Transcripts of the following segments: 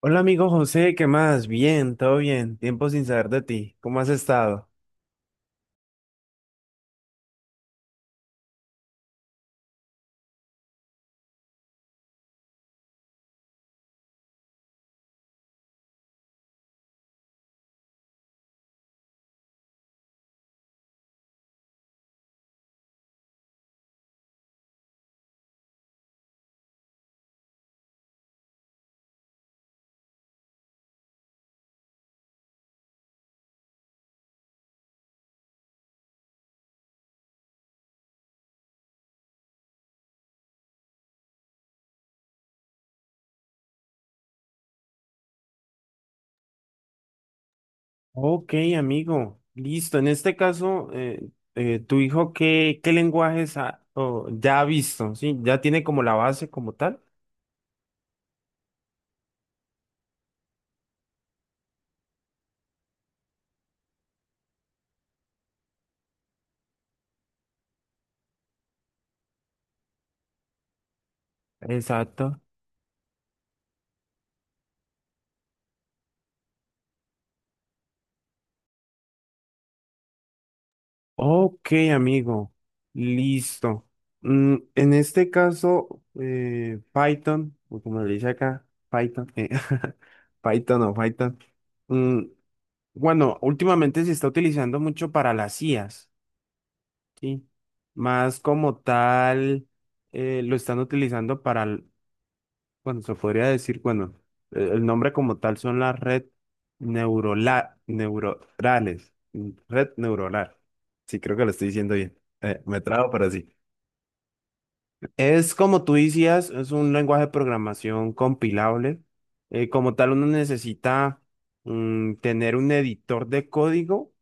Hola amigo José, ¿qué más? Bien, todo bien. Tiempo sin saber de ti. ¿Cómo has estado? Ok, amigo. Listo. En este caso, ¿tu hijo qué, o ya ha visto? ¿Sí? ¿Ya tiene como la base como tal? Exacto. Ok, amigo. Listo. En este caso, Python, o como le dice acá, Python, Python o Python. mm, Bueno, últimamente se está utilizando mucho para las IAs, ¿sí? Más como tal, lo están utilizando bueno, se podría decir, bueno, el nombre como tal son las neuronales, mm, red neuronal. Sí, creo que lo estoy diciendo bien. Me trago, pero sí. Es como tú decías, es un lenguaje de programación compilable. Como tal, uno necesita, tener un editor de código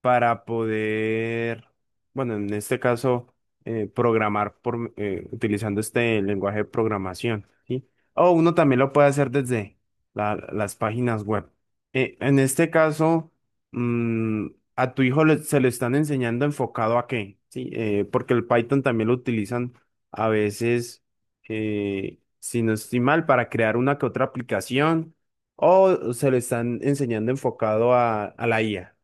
para poder, bueno, en este caso, programar utilizando este lenguaje de programación, ¿sí? O uno también lo puede hacer desde las páginas web. En este caso, mm, a se le están enseñando enfocado a qué, ¿sí? Porque el Python también lo utilizan a veces, si no estoy mal, para crear una que otra aplicación, o se le están enseñando enfocado a la IA.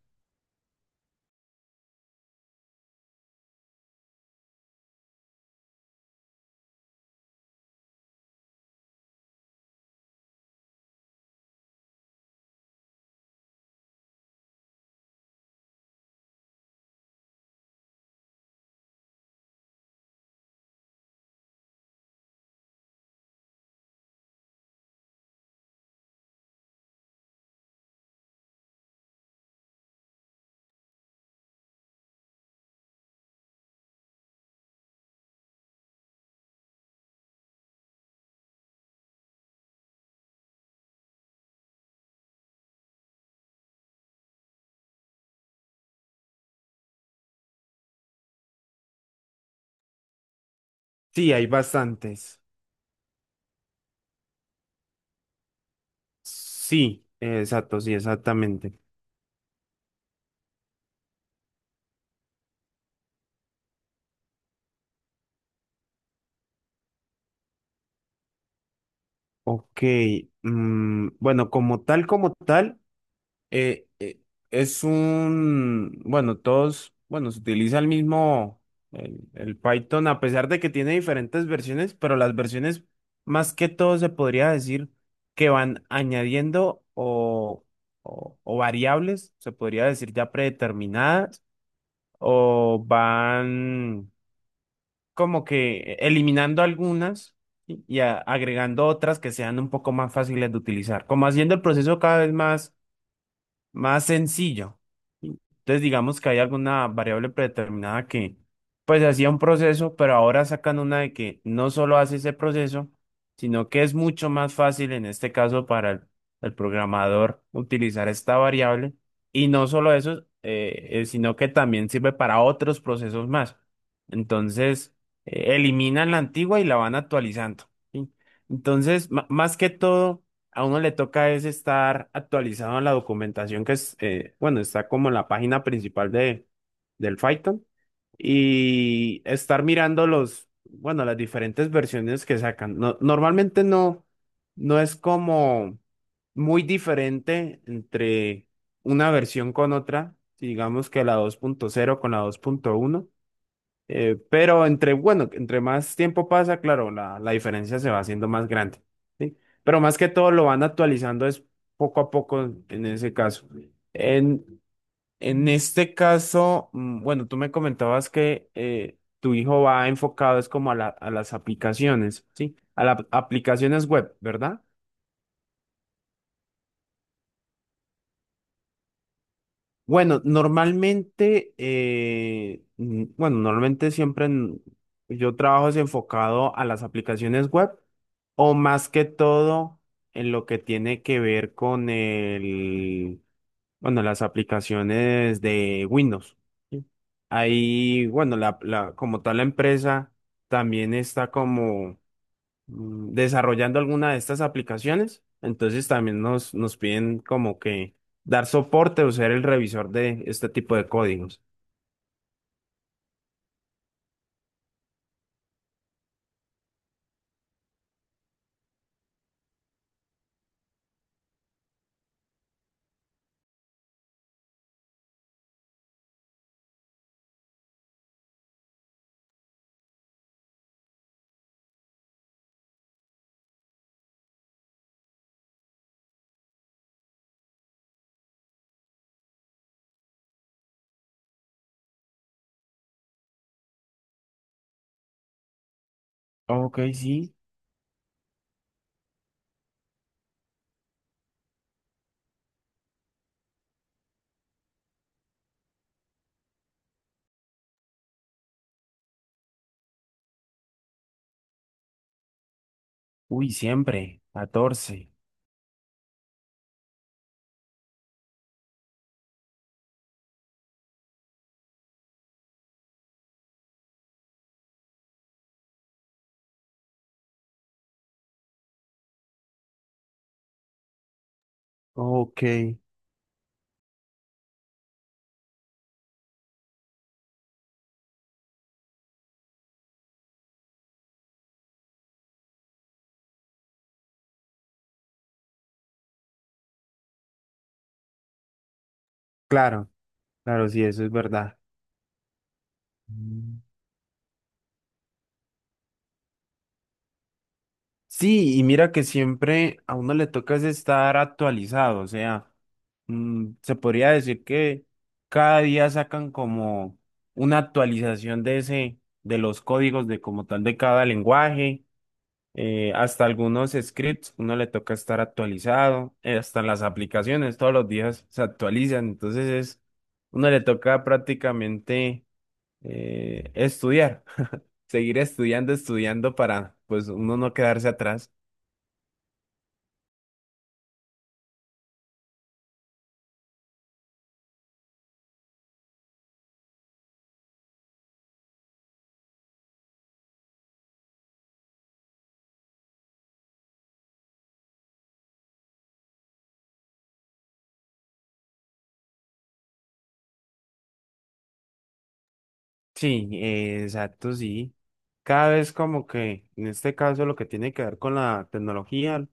Sí, hay bastantes. Sí, exacto, sí, exactamente. Ok, bueno, como tal, eh, eh, es un, bueno, todos, bueno, se utiliza el mismo, el Python, a pesar de que tiene diferentes versiones, pero las versiones, más que todo, se podría decir que van añadiendo o variables, se podría decir ya predeterminadas, o van como que eliminando algunas y agregando otras que sean un poco más fáciles de utilizar, como haciendo el proceso cada vez más sencillo. Entonces, digamos que hay alguna variable predeterminada que, pues, hacía un proceso, pero ahora sacan una de que no solo hace ese proceso, sino que es mucho más fácil en este caso para el programador utilizar esta variable. Y no solo eso, sino que también sirve para otros procesos más. Entonces, eliminan la antigua y la van actualizando, ¿sí? Entonces, más que todo a uno le toca es estar actualizado en la documentación que es, bueno, está como en la página principal del Python, y estar mirando los, bueno, las diferentes versiones que sacan. Normalmente no es como muy diferente entre una versión con otra, digamos que la dos punto cero con la dos punto uno. Pero entre, bueno, entre más tiempo pasa, claro, la diferencia se va haciendo más grande, ¿sí? Pero más que todo lo van actualizando es poco a poco en ese caso. En, en este caso, bueno, tú me comentabas que tu hijo va enfocado es como a a las aplicaciones, ¿sí? A las aplicaciones web, ¿verdad? Bueno, normalmente, bueno, yo trabajo es enfocado a las aplicaciones web, o más que todo en lo que tiene que ver con bueno, las aplicaciones de Windows, ¿sí? Ahí, bueno, como tal la empresa también está como, desarrollando alguna de estas aplicaciones. Entonces también nos piden como que dar soporte o ser el revisor de este tipo de códigos. Ok, sí. Uy, siempre. 14. Ok. Claro, claro, sí, eso es verdad. Mm. Sí, y mira que siempre a uno le toca es estar actualizado, o sea, se podría decir que cada día sacan como una actualización de ese, de los códigos de como tal de cada lenguaje. Hasta algunos scripts, uno le toca estar actualizado, hasta las aplicaciones todos los días se actualizan, entonces es, uno le toca prácticamente estudiar, seguir estudiando, estudiando para pues uno no quedarse atrás. Sí, exacto, sí. Cada vez como que en este caso lo que tiene que ver con la tecnología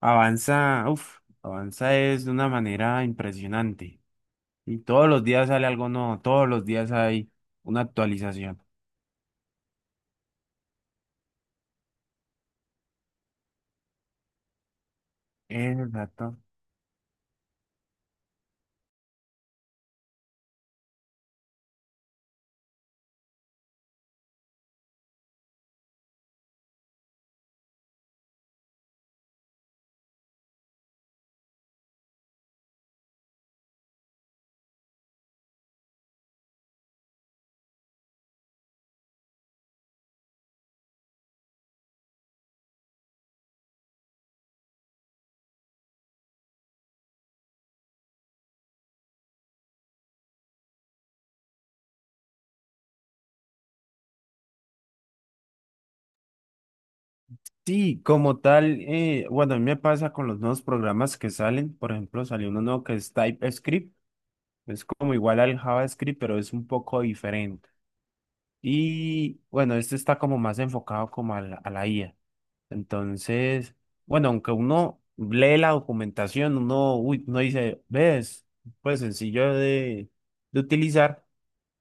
avanza, uff, avanza es de una manera impresionante. Y todos los días sale algo nuevo, todos los días hay una actualización. Exacto. Sí, como tal, bueno, a mí me pasa con los nuevos programas que salen. Por ejemplo, salió uno nuevo que es TypeScript. Es como igual al JavaScript, pero es un poco diferente. Y bueno, este está como más enfocado como a a la IA. Entonces, bueno, aunque uno lee la documentación, uno, uy, uno dice, ves, pues sencillo de utilizar.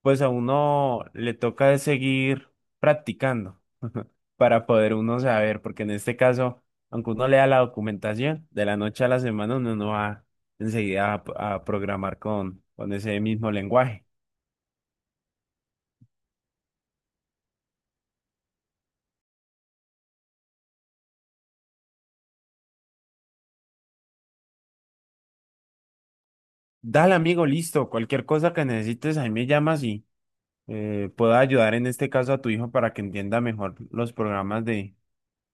Pues a uno le toca es seguir practicando para poder uno saber, porque en este caso, aunque uno lea la documentación, de la noche a la semana uno no va enseguida a programar con ese mismo lenguaje. Dale, amigo, listo. Cualquier cosa que necesites, ahí me llamas y puedo ayudar en este caso a tu hijo para que entienda mejor los programas de,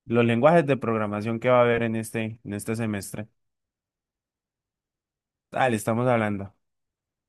los lenguajes de programación que va a haber en en este semestre. Dale, estamos hablando.